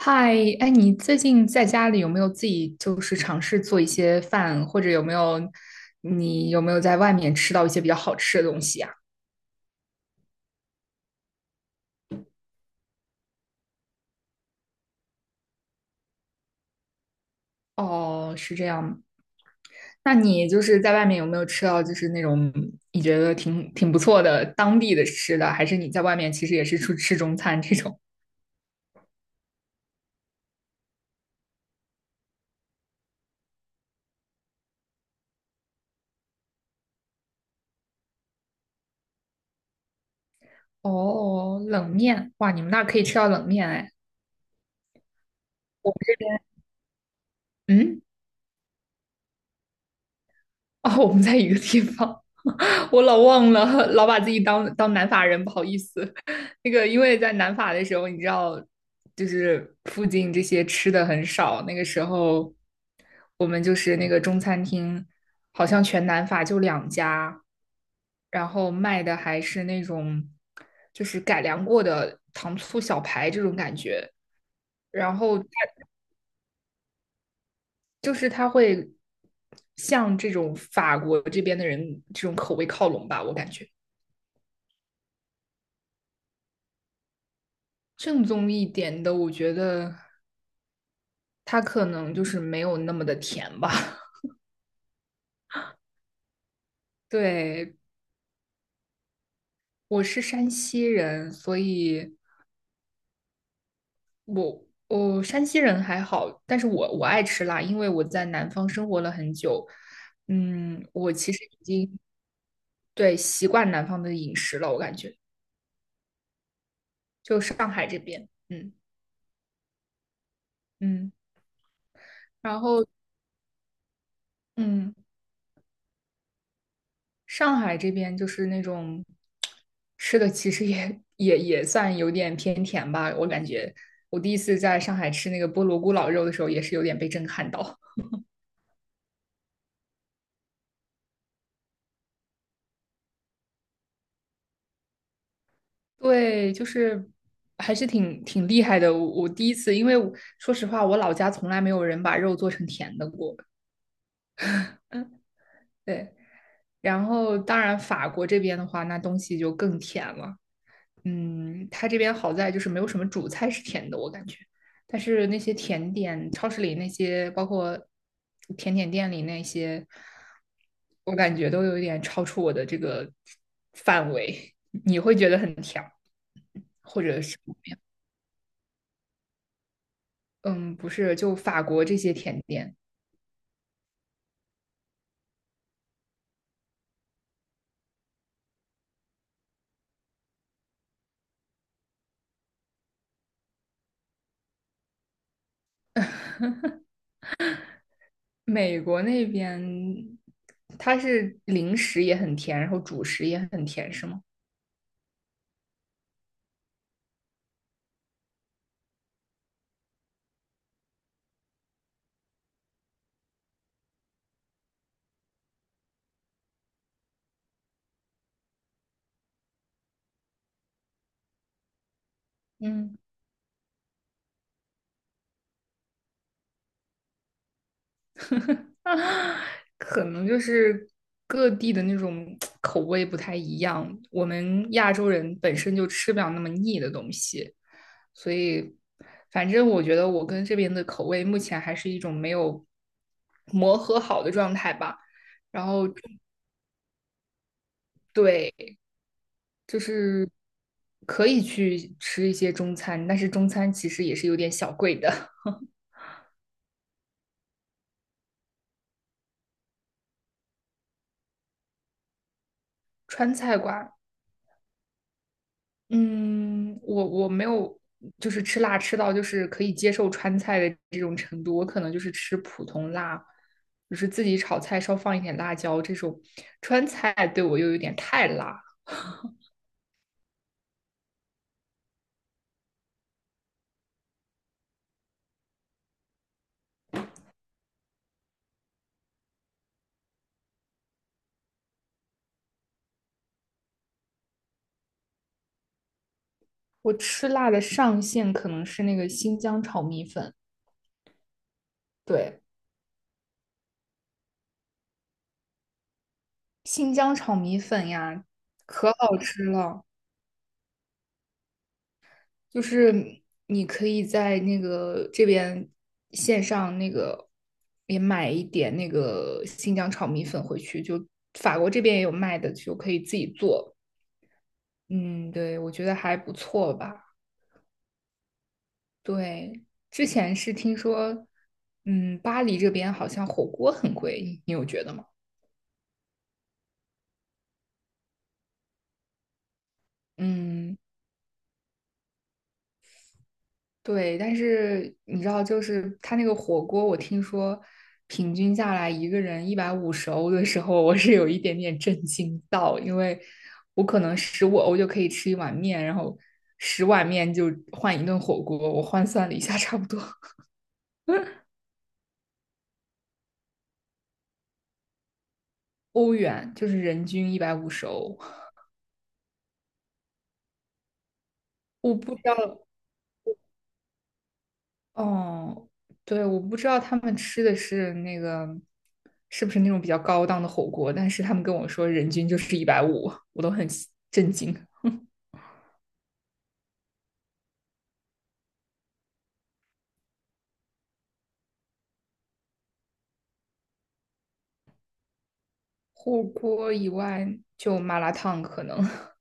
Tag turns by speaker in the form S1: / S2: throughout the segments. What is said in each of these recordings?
S1: 嗨，哎，你最近在家里有没有自己就是尝试做一些饭，或者你有没有在外面吃到一些比较好吃的东西呀？哦，是这样。那你就是在外面有没有吃到就是那种你觉得挺不错的当地的吃的，还是你在外面其实也是出吃中餐这种？哦，冷面，哇，你们那儿可以吃到冷面哎。嗯。哦，我们在一个地方，我老忘了，老把自己当南法人，不好意思。那个，因为在南法的时候，你知道，就是附近这些吃的很少。那个时候，我们就是那个中餐厅，好像全南法就两家，然后卖的还是那种就是改良过的糖醋小排这种感觉。然后它就是他会向这种法国这边的人这种口味靠拢吧，我感觉。正宗一点的，我觉得它可能就是没有那么的甜吧。对，我是山西人，所以我山西人还好，但是我爱吃辣，因为我在南方生活了很久。嗯，我其实已经对。习惯南方的饮食了，我感觉就上海这边。嗯嗯，然后嗯。上海这边就是那种吃的，其实也算有点偏甜吧。我感觉我第一次在上海吃那个菠萝咕咾肉的时候，也是有点被震撼到。对，就是还是挺厉害的。我第一次，因为我说实话，我老家从来没有人把肉做成甜的过。嗯，对。然后当然，法国这边的话，那东西就更甜了。嗯，它这边好在就是没有什么主菜是甜的，我感觉。但是那些甜点，超市里那些，包括甜点店里那些，我感觉都有一点超出我的这个范围。你会觉得很甜，或者是怎么样？嗯，不是，就法国这些甜点。美国那边它是零食也很甜，然后主食也很甜，是吗？嗯。啊，可能就是各地的那种口味不太一样。我们亚洲人本身就吃不了那么腻的东西，所以反正我觉得我跟这边的口味目前还是一种没有磨合好的状态吧。然后对，就是可以去吃一些中餐，但是中餐其实也是有点小贵的。川菜馆。嗯，我没有，就是吃辣吃到就是可以接受川菜的这种程度，我可能就是吃普通辣，就是自己炒菜稍放一点辣椒这种。川菜对我又有点太辣。我吃辣的上限可能是那个新疆炒米粉，对，新疆炒米粉呀，可好吃了。就是你可以在那个这边线上那个也买一点那个新疆炒米粉回去，就法国这边也有卖的，就可以自己做。嗯，对，我觉得还不错吧。对，之前是听说，嗯，巴黎这边好像火锅很贵，你有觉得吗？嗯。对，但是你知道，就是他那个火锅，我听说平均下来一个人一百五十欧的时候，我是有一点点震惊到，因为我可能15欧就可以吃一碗面，然后10碗面就换一顿火锅，我换算了一下，差不多。欧元就是人均一百五十欧。我不知道，哦，对，我不知道他们吃的是那个是不是那种比较高档的火锅，但是他们跟我说人均就是一百五，我都很震惊。火锅以外就麻辣烫可能。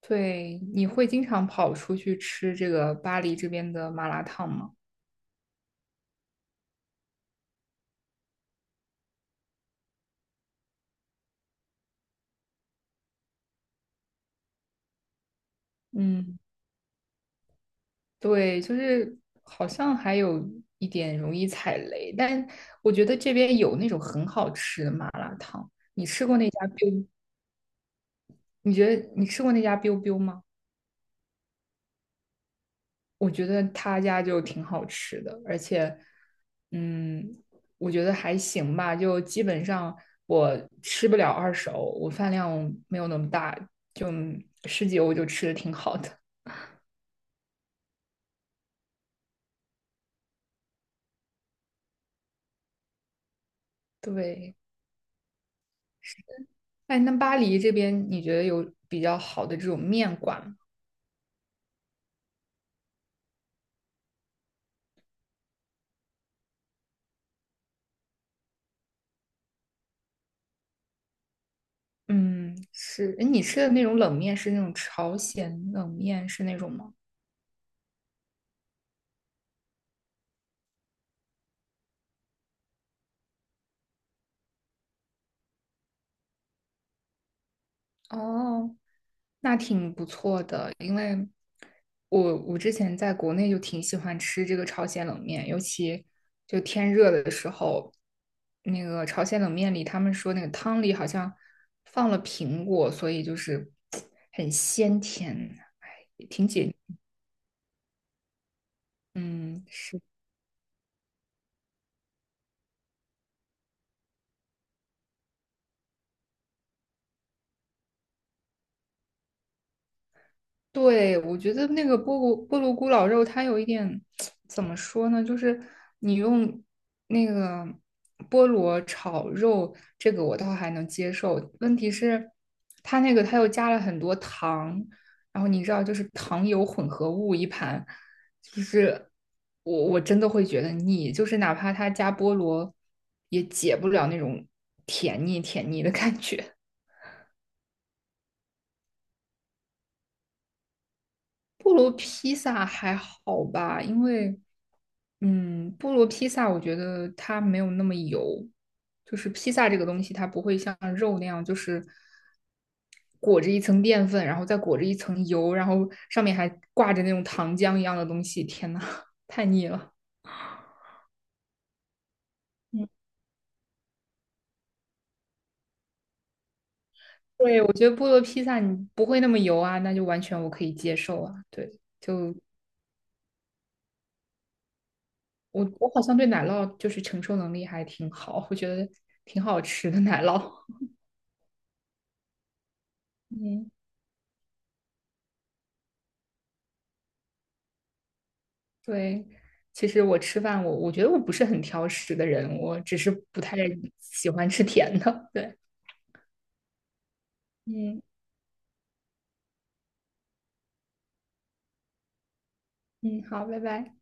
S1: 对，你会经常跑出去吃这个巴黎这边的麻辣烫吗？嗯，对，就是好像还有一点容易踩雷，但我觉得这边有那种很好吃的麻辣烫。那家 biu，你觉得你吃过那家 biu biu 吗？我觉得他家就挺好吃的，而且，嗯，我觉得还行吧，就基本上我吃不了二手，我饭量没有那么大，就十几欧就吃的挺好的。对，哎，那巴黎这边你觉得有比较好的这种面馆吗？嗯，是，哎，你吃的那种冷面是那种朝鲜冷面是那种吗？哦，那挺不错的，因为我之前在国内就挺喜欢吃这个朝鲜冷面，尤其就天热的时候，那个朝鲜冷面里他们说那个汤里好像放了苹果，所以就是 很鲜甜，哎，也挺解，嗯，是。对，我觉得那个菠萝咕咾肉，它有一点 怎么说呢？就是你用那个菠萝炒肉，这个我倒还能接受。问题是，它那个它又加了很多糖，然后你知道，就是糖油混合物一盘，就是我真的会觉得腻。就是哪怕它加菠萝，也解不了那种甜腻甜腻的感觉。菠萝披萨还好吧，因为，嗯，菠萝披萨我觉得它没有那么油，就是披萨这个东西它不会像肉那样，就是裹着一层淀粉，然后再裹着一层油，然后上面还挂着那种糖浆一样的东西。天呐，太腻了。对，我觉得菠萝披萨你不会那么油啊，那就完全我可以接受啊。对，我好像对奶酪就是承受能力还挺好，我觉得挺好吃的奶酪。嗯。对，其实我吃饭，我觉得我不是很挑食的人，我只是不太喜欢吃甜的。对，嗯嗯，好，拜拜。